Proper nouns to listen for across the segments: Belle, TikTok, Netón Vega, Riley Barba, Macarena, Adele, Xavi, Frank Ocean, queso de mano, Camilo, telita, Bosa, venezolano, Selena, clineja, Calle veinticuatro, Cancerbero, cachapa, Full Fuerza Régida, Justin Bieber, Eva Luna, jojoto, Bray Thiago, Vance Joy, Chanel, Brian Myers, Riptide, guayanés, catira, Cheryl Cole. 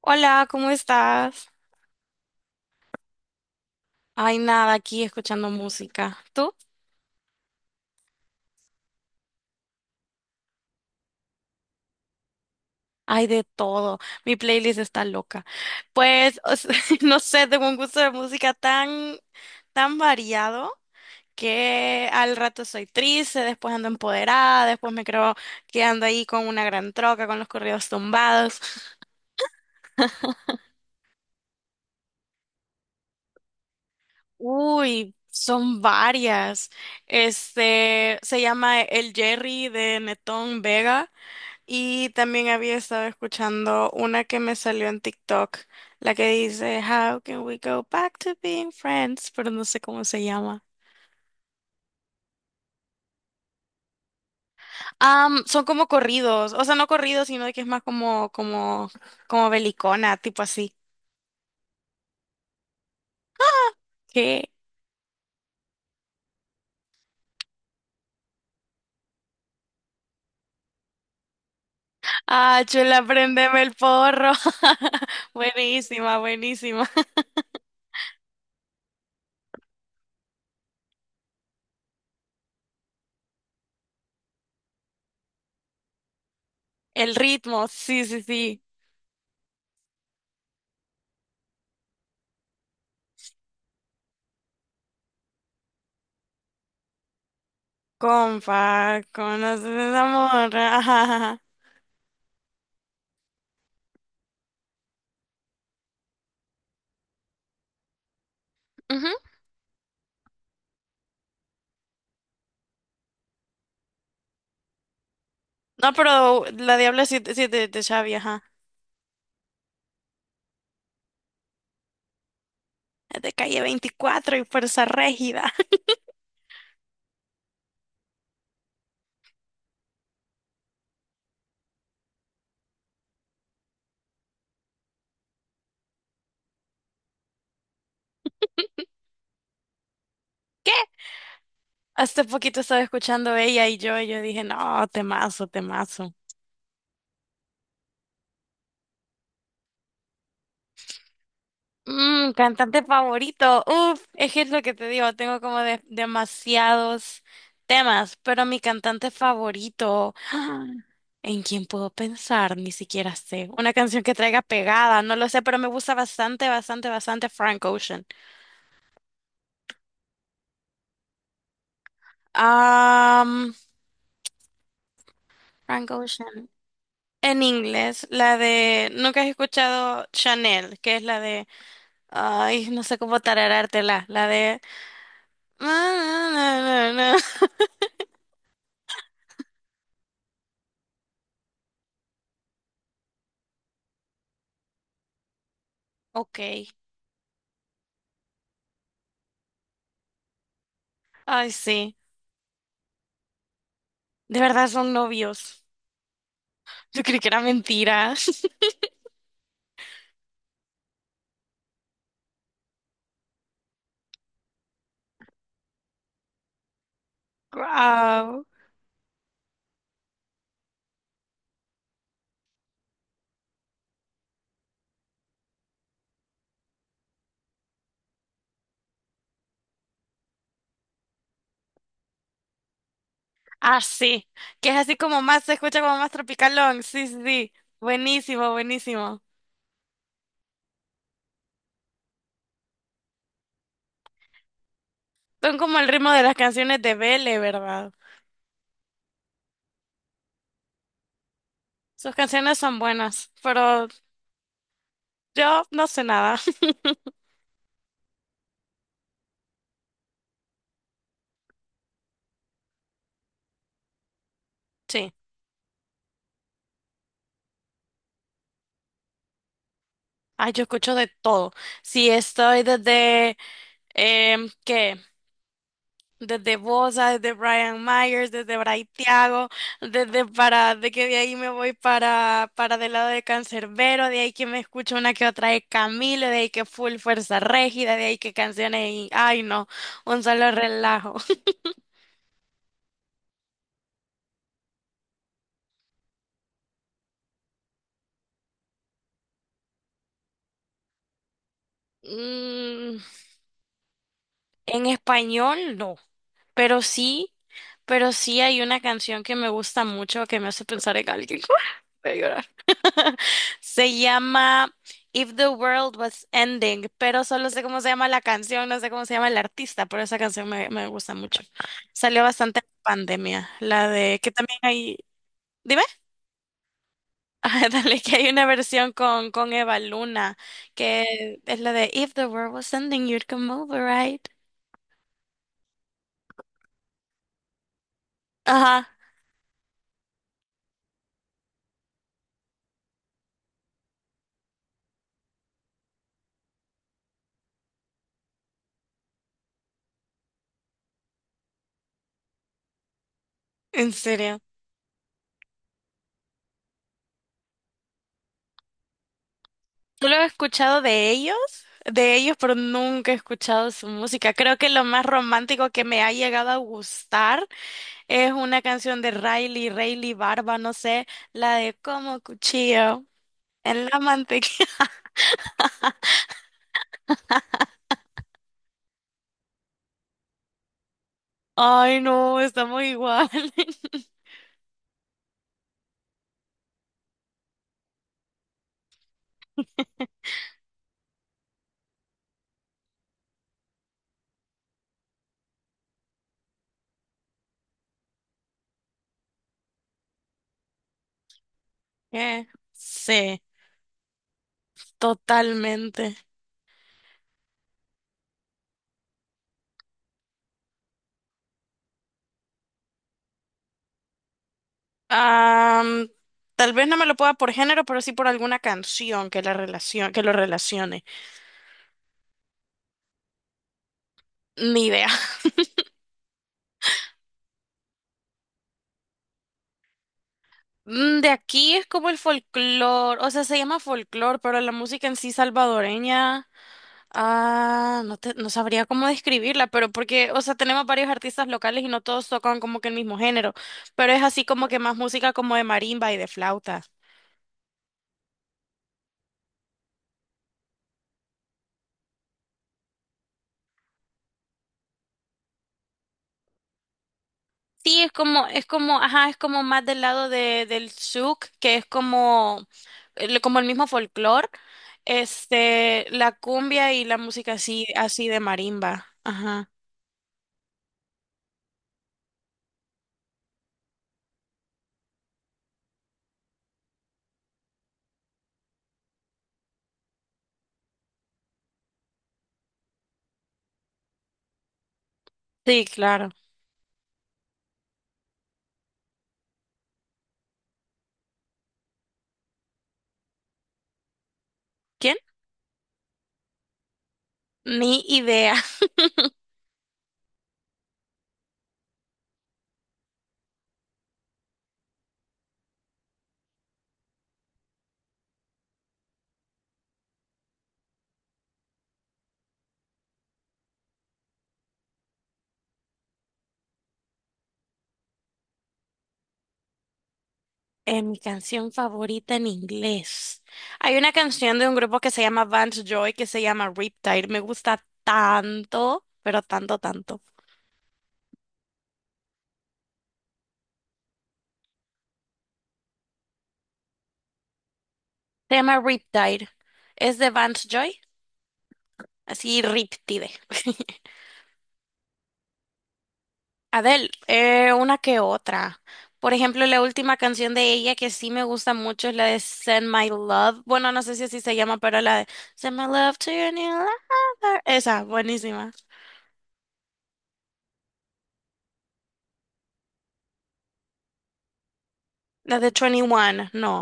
Hola, ¿cómo estás? Ay, nada, aquí escuchando música. ¿Tú? Ay, de todo. Mi playlist está loca. Pues, o sea, no sé, tengo un gusto de música tan, tan variado que al rato soy triste, después ando empoderada, después me creo que ando ahí con una gran troca, con los corridos tumbados. Uy, son varias. Este, se llama El Jerry de Netón Vega. Y también había estado escuchando una que me salió en TikTok, la que dice How can we go back to being friends, pero no sé cómo se llama. Son como corridos, o sea, no corridos, sino de que es más como belicona, tipo así. ¿Qué? Ah, chula, préndeme el porro. Buenísima, buenísima. El ritmo, sí, sí, sí. Compa, conoces esa morra. Ajá, ajá, ajá. Ujú. No, pero la Diabla sí, sí es de Xavi, ajá. De Calle 24 y Fuerza Régida. Hace poquito estaba escuchando ella y yo dije, no, temazo, temazo. Mm, cantante favorito. Uf, es que es lo que te digo, tengo como demasiados temas, pero mi cantante favorito, ¿en quién puedo pensar? Ni siquiera sé. Una canción que traiga pegada, no lo sé, pero me gusta bastante, bastante, bastante Frank Ocean. Am, Frank Ocean. En inglés, la de, ¿nunca has escuchado Chanel? Que es la de… Ay, no sé cómo tararártela. La de. Ok. Ay, sí. ¿De verdad son novios? Yo creí que era mentira. Wow. Ah, sí. Que es así como más, se escucha como más tropicalón. Sí, sí, sí. Buenísimo, buenísimo. Son como el ritmo de las canciones de Belle, ¿verdad? Sus canciones son buenas, pero yo no sé nada. Sí. Ay, yo escucho de todo. Sí, estoy desde, eh, ¿qué? Desde Bosa, desde Brian Myers, desde Bray Thiago, desde para, de que de ahí me voy para, del lado de Cancerbero, de ahí que me escucho una que otra de Camilo, de ahí que Full Fuerza Régida, de ahí que canciones y, ay no, un solo relajo. Mm, en español, no. Pero sí, pero sí hay una canción que me gusta mucho que me hace pensar en alguien. Voy a llorar. Se llama If the World Was Ending, pero solo sé cómo se llama la canción, no sé cómo se llama el artista, pero esa canción me, me gusta mucho. Salió bastante en pandemia, la de que también hay, dime. Ah, dale, que hay una versión con Eva Luna, que es la de If the World Was Ending, you'd come over, right? Ajá, ¿en serio? Solo he escuchado de ellos, pero nunca he escuchado su música. Creo que lo más romántico que me ha llegado a gustar es una canción de Riley, Riley Barba, no sé, la de Como cuchillo en la mantequilla. Ay, no, estamos igual. Eh, sí, totalmente. Am, Tal vez no me lo pueda por género, pero sí por alguna canción que la que lo relacione. Ni idea. Mm, de aquí es como el folclore, o sea, se llama folclore, pero la música en sí salvadoreña, ah, no sabría cómo describirla, pero porque, o sea, tenemos varios artistas locales y no todos tocan como que el mismo género, pero es así como que más música como de marimba y de flauta. Sí, es como, ajá, es como más del lado de, del souk, que es como, como el mismo folclore, este, la cumbia y la música así, así de marimba, ajá. Sí, claro. ¿Quién? Ni idea. Mi canción favorita en inglés. Hay una canción de un grupo que se llama Vance Joy que se llama Riptide. Me gusta tanto, pero tanto, tanto. Se llama Riptide. Es de Vance Joy. Así, Riptide. Adele, una que otra. Por ejemplo, la última canción de ella que sí me gusta mucho es la de Send My Love. Bueno, no sé si así se llama, pero la de Send My Love to Your New Lover. Esa, buenísima. La de 21, no.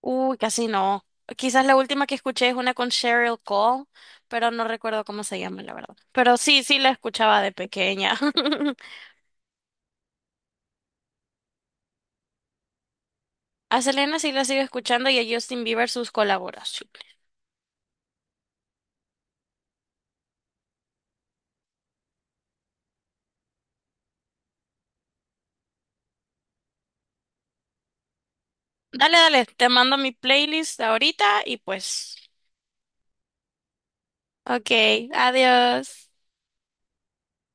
Uy, casi no. Quizás la última que escuché es una con Cheryl Cole, pero no recuerdo cómo se llama, la verdad. Pero sí, sí la escuchaba de pequeña. A Selena sí la sigo escuchando y a Justin Bieber sus colaboraciones. Dale, dale, te mando mi playlist ahorita y pues. Ok, adiós.